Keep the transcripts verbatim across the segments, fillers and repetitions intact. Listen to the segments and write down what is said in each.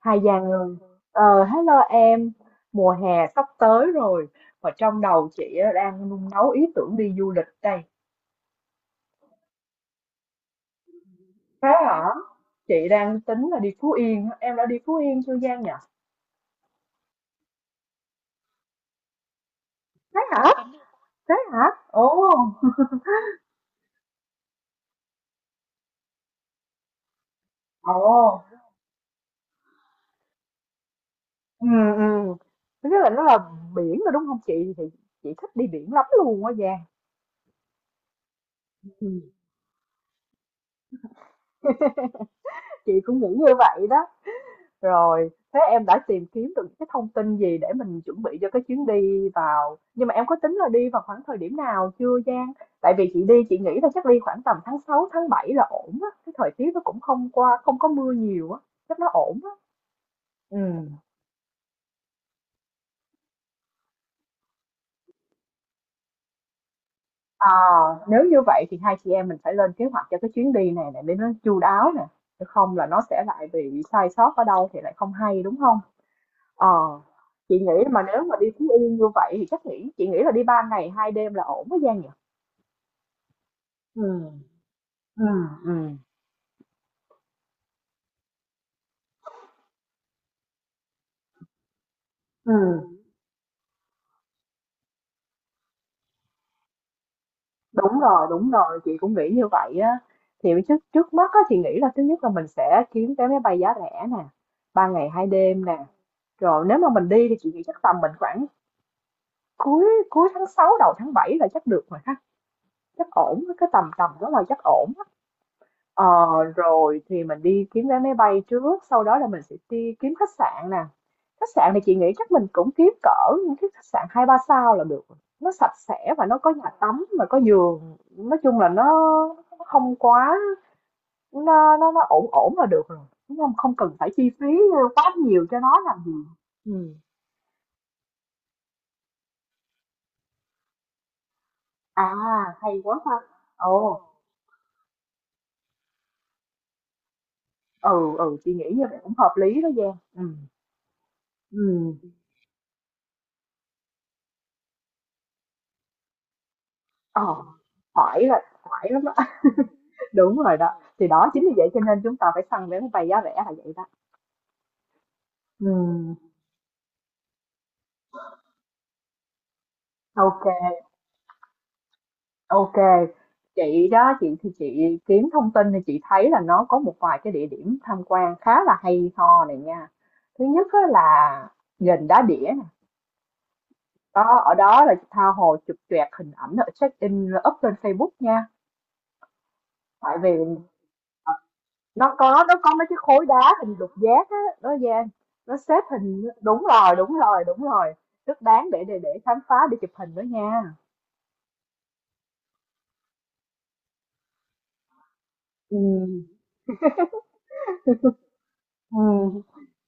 Hai dàn người ờ, hello em mùa hè sắp tới rồi và trong đầu chị á, đang nung nấu ý tưởng đi du lịch đây. Thế hả? Chị đang tính là đi Phú Yên á. Em đã đi Phú Yên chưa Giang nhỉ? Thế hả? Thế hả? Ồ. Ồ. Ừ. Ừ. Thứ nhất là nó là biển rồi đúng không chị thì chị thích đi biển lắm luôn á Giang. Ừ, chị cũng nghĩ như vậy đó. Rồi, thế em đã tìm kiếm được những cái thông tin gì để mình chuẩn bị cho cái chuyến đi vào nhưng mà em có tính là đi vào khoảng thời điểm nào chưa Giang? Tại vì chị đi chị nghĩ là chắc đi khoảng tầm tháng sáu tháng bảy là ổn á, cái thời tiết nó cũng không qua không có mưa nhiều á, chắc nó ổn á. Ừ. À, nếu như vậy thì hai chị em mình phải lên kế hoạch cho cái chuyến đi này này để nó chu đáo nè, chứ không là nó sẽ lại bị sai sót ở đâu thì lại không hay đúng không? Ờ. Chị nghĩ mà nếu mà đi Phú Yên như vậy thì chắc nghĩ chị nghĩ là đi ba ngày hai đêm là ổn với Giang nhỉ? Ừ. Ừ. Ừ. Ừm. Đúng rồi, đúng rồi, chị cũng nghĩ như vậy á. Thì trước trước mắt á, chị nghĩ là thứ nhất là mình sẽ kiếm vé máy bay giá rẻ nè, ba ngày hai đêm nè. Rồi nếu mà mình đi thì chị nghĩ chắc tầm mình khoảng cuối cuối tháng sáu đầu tháng bảy là chắc được rồi ha, chắc ổn cái tầm tầm đó là chắc ổn. Ờ, rồi thì mình đi kiếm vé máy bay trước, sau đó là mình sẽ đi kiếm khách sạn nè. Khách sạn thì chị nghĩ chắc mình cũng kiếm cỡ những cái khách sạn hai ba sao là được. Nó sạch sẽ và nó có nhà tắm mà có giường. Nói chung là nó không quá nó nó nó ổn ổn là được rồi. Đúng không? Không cần phải chi phí quá nhiều cho nó làm gì. Ừ. À, hay quá ha. Ồ, ừ, ừ, chị nghĩ như vậy cũng hợp lý đó Giang. Ừ. Ừ. Ờ, phải là phải lắm. Đúng rồi đó, thì đó chính vì vậy cho nên chúng ta phải săn vé máy bay giá rẻ là vậy đó. Ừm, ok, ok. Chị đó, chị thì chị kiếm thông tin thì chị thấy là nó có một vài cái địa điểm tham quan khá là hay ho này nha. Thứ nhất á là gành Đá Đĩa nè. Đó, ở đó là tha hồ chụp choẹt hình ảnh ở check in up lên Facebook nha. Tại vì nó có nó có mấy cái khối đá hình lục giác á nó Giang, nó xếp hình đúng rồi đúng rồi đúng rồi, rất đáng để để để khám phá để chụp hình đó nha. Ừ, ừ.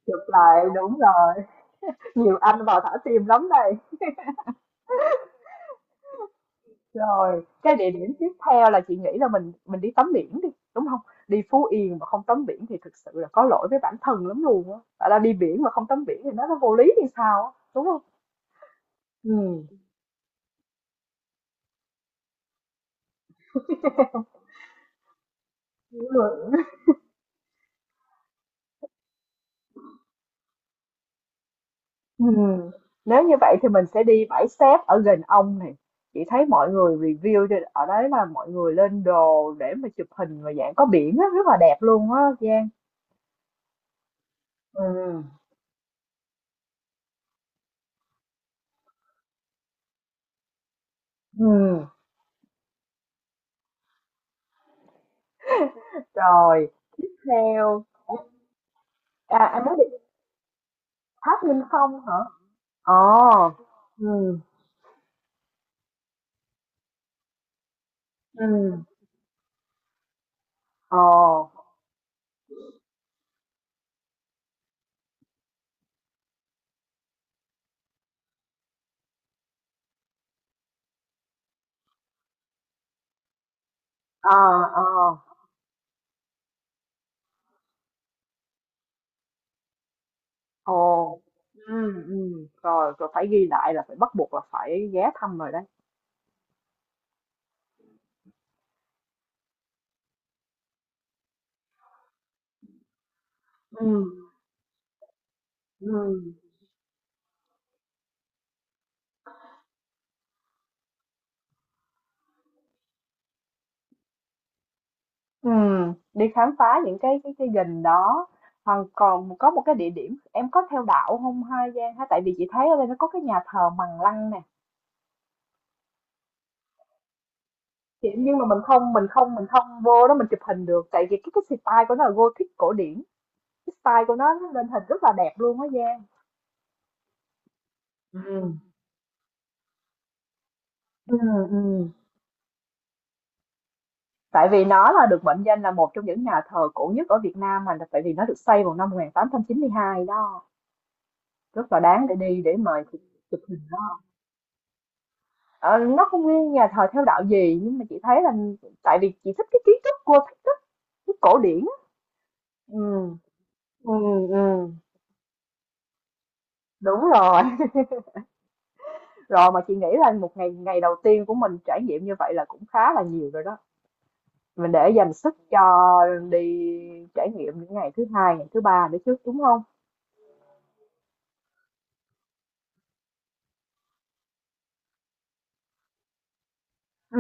Chụp lại đúng rồi, nhiều anh vào thả tim lắm đây. Rồi cái địa điểm tiếp theo là chị nghĩ là mình mình đi tắm biển đi, đúng không? Đi Phú Yên mà không tắm biển thì thực sự là có lỗi với bản thân lắm luôn á, tại là đi biển mà không tắm biển thì nó nó vô lý thì sao á, đúng không? Ừ. Ừm, nếu như vậy thì mình sẽ đi bãi xép ở gần ông này. Chị thấy mọi người review trên- ở đấy là mọi người lên đồ để mà chụp hình và dạng có biển á, rất là đẹp luôn á Giang. Ừm, ừm. Rồi, tiếp theo. À, anh nói đi. Tháp Nghinh Phong hả? Ồ. Ừ. Ừ. Ồ. Ờ. Ờ. Ồ. Ừ. Ừ. Rồi, rồi phải ghi lại là phải bắt buộc là phải ghé thăm rồi đấy. Ừ. Ừ. Ừ, đi khám phá những cái cái cái gành đó, còn còn có một cái địa điểm, em có theo đạo không ha Giang ha, tại vì chị thấy ở đây nó có cái nhà thờ Bằng Lăng nè. Chị- nhưng mà mình không mình không mình không vô đó mình chụp hình được, tại vì cái cái style của nó là Gothic cổ điển, cái style của nó, nó lên hình rất là đẹp luôn á Giang. Ừ. Ừ, ừ. Tại vì nó là được mệnh danh là một trong những nhà thờ cổ nhất ở Việt Nam, mà tại vì nó được xây vào năm một nghìn tám trăm chín mươi hai đó, rất là đáng để đi để mời chụp chụp hình. Ờ, nó không nguyên nhà thờ theo đạo gì nhưng mà chị thấy là tại vì chị thích cái kiến trúc Gothic á, cái cổ điển á. Ừ. Ừ. Ừ, đúng rồi. Rồi mà chị nghĩ là một ngày ngày đầu tiên của mình trải nghiệm như vậy là cũng khá là nhiều rồi đó, mình để dành sức cho đi trải nghiệm những ngày thứ hai ngày thứ ba nữa chứ, đúng không? Ừ.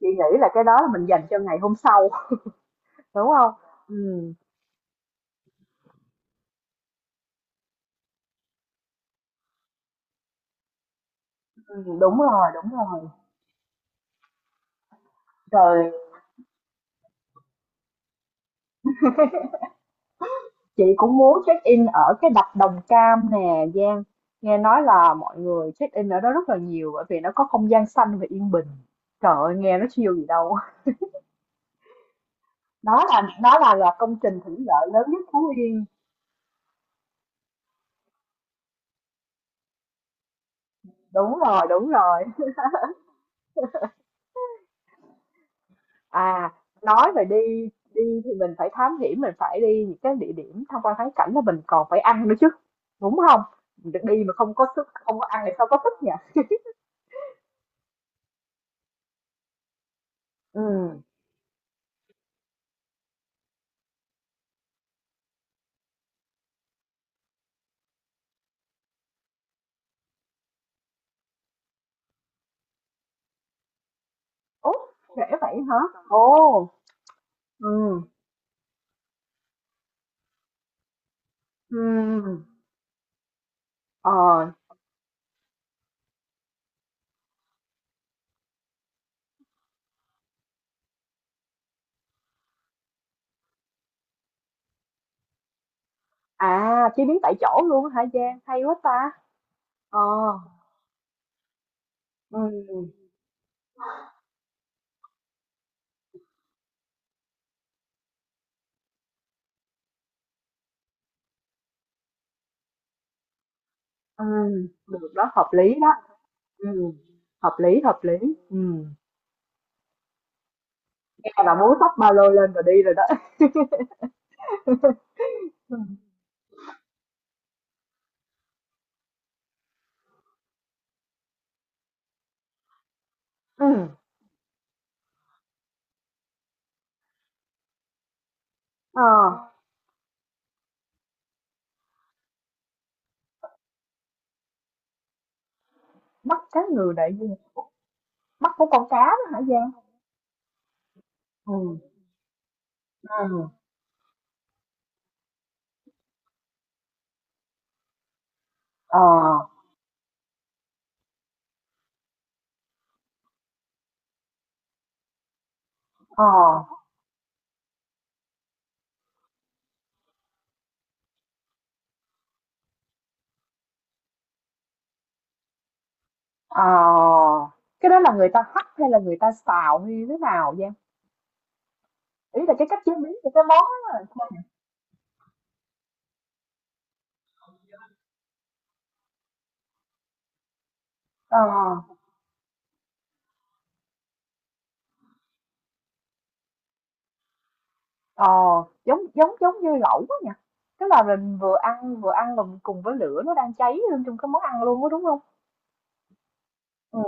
Chị nghĩ là cái đó là mình dành cho ngày hôm sau, đúng không? Ừ. Ừ, đúng rồi đúng rồi rồi. Chị cũng muốn check in ở cái đập Đồng Cam nè Giang, nghe nói là mọi người check in ở đó rất là nhiều bởi vì nó có không gian xanh và yên bình, trời ơi nghe nó siêu gì đâu. Nó là nó là là công trình thủy lợi lớn nhất Phú Yên. Đúng rồi đúng rồi. À, nói về đi đi thì mình phải thám hiểm, mình phải đi những cái địa điểm tham quan thắng cảnh là mình còn phải ăn nữa chứ, đúng không? Được đi mà không có sức không có ăn thì sao có sức nhỉ? Ừ. Ủa, trễ vậy hả? Ồ. Ừ. Ừ. Ờ, à, chế biến tại chỗ luôn hả Giang? Hay quá ta. Ờ, ừ, ừ, được đó, hợp lý đó. Ừ, hợp lý, hợp lý. Ừ, nghe là muốn xách ba lô lên và đi rồi đó. Ừ. Ừ. ờ, bắt cá ngừ đại dương, bắt của con cá đó hả Giang? Ừ. Ừ. Ờ. Ờ. Ờ. Cái đó là người ta hấp hay là người ta xào như thế nào Giang? Ý là cái cách chế biến của cái món đó. Là sao? Ờ. Ờ, giống giống giống như lẩu á nhỉ? Tức là mình vừa ăn vừa ăn cùng cùng với lửa nó đang cháy lên trong cái món ăn luôn á, đúng không? Ừ.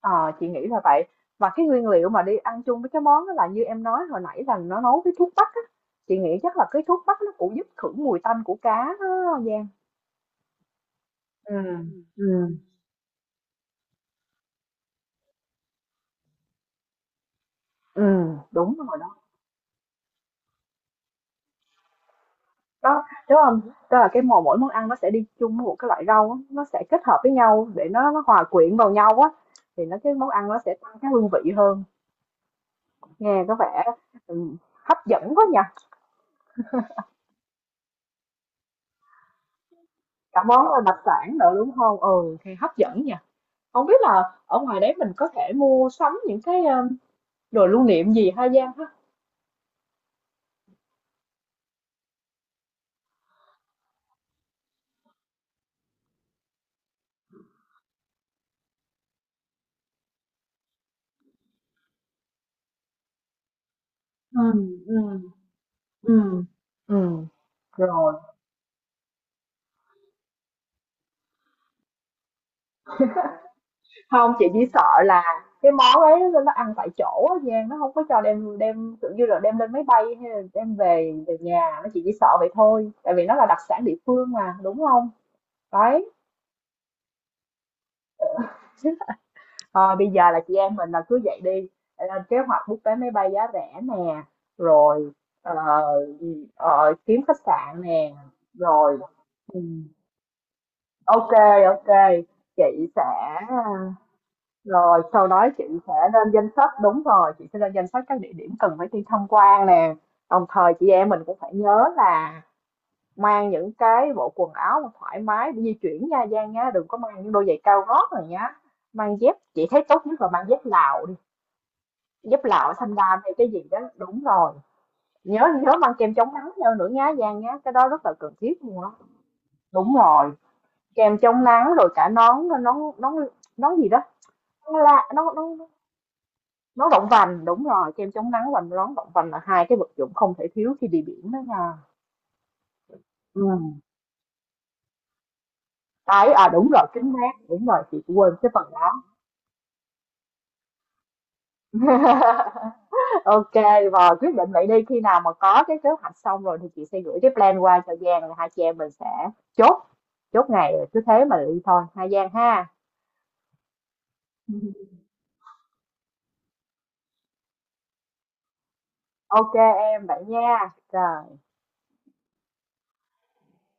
Ờ, chị nghĩ là vậy. Và cái nguyên liệu mà đi ăn chung với cái món đó là như em nói hồi nãy là nó nấu với thuốc bắc á. Chị nghĩ chắc là cái thuốc bắc nó cũng giúp khử mùi tanh của cá đó Giang. Ừ. Ừ. Ừ, đúng rồi đó. Đó, đúng không? Tức là cái mỗi mỗi món ăn nó sẽ đi chung với một cái loại rau á, nó sẽ kết hợp với nhau để nó nó hòa quyện vào nhau á, thì nó cái món ăn nó sẽ tăng cái hương vị hơn. Nghe có vẻ, ừm, hấp dẫn quá nhỉ? Cả món là đặc sản nữa đúng hông? Ừ, thì hấp dẫn nhỉ. Không biết là ở ngoài đấy mình có thể mua sắm những cái, a, đồ lưu niệm gì ha Giang ha? Ừ. Ừ. Ừ. Ừm, rồi. Không chị chỉ sợ là cái món ấy nó ăn tại chỗ á Giang, nó không có cho đem đem, kiểu như là, đem lên máy bay hay là đem về về nhà, nó chỉ chỉ sợ vậy thôi, tại vì nó là đặc sản địa phương mà, đúng không? Đấy. Thôi bây giờ là chị em mình là cứ vậy đi, lên kế hoạch book vé máy bay giá rẻ nè, rồi ờ, ờ, kiếm khách sạn nè, rồi ừ, ok, ok, chị sẽ, rồi sau đó chị sẽ lên danh sách, đúng rồi chị sẽ lên danh sách các địa điểm cần phải đi tham quan nè, đồng thời chị em mình cũng phải nhớ là mang những cái bộ quần áo mà thoải mái để di chuyển nha Giang nhá, đừng có mang những đôi giày cao gót này nhá, mang dép chị thấy tốt nhất là mang dép lào, giúp lão thanh đam hay cái gì đó đúng rồi. Nhớ nhớ mang kem chống nắng theo nữa nhá Giang nhá, cái đó rất là cần thiết luôn á. Đúng rồi, kem chống nắng rồi cả nón nón nón, nón gì đó, nón la nón nón, nón động vành, đúng rồi kem chống nắng và nón động vành là hai cái vật dụng không thể thiếu khi đi biển đó nha. Ừ. Đấy à, đúng rồi kính mát, đúng rồi chị quên cái phần đó. OK, và quyết định vậy đi, khi nào mà có cái kế hoạch xong rồi thì chị sẽ gửi cái plan qua cho Giang rồi hai chị em mình sẽ chốt chốt ngày rồi cứ thế mà đi thôi hai Giang ha. OK em vậy nha. Rồi.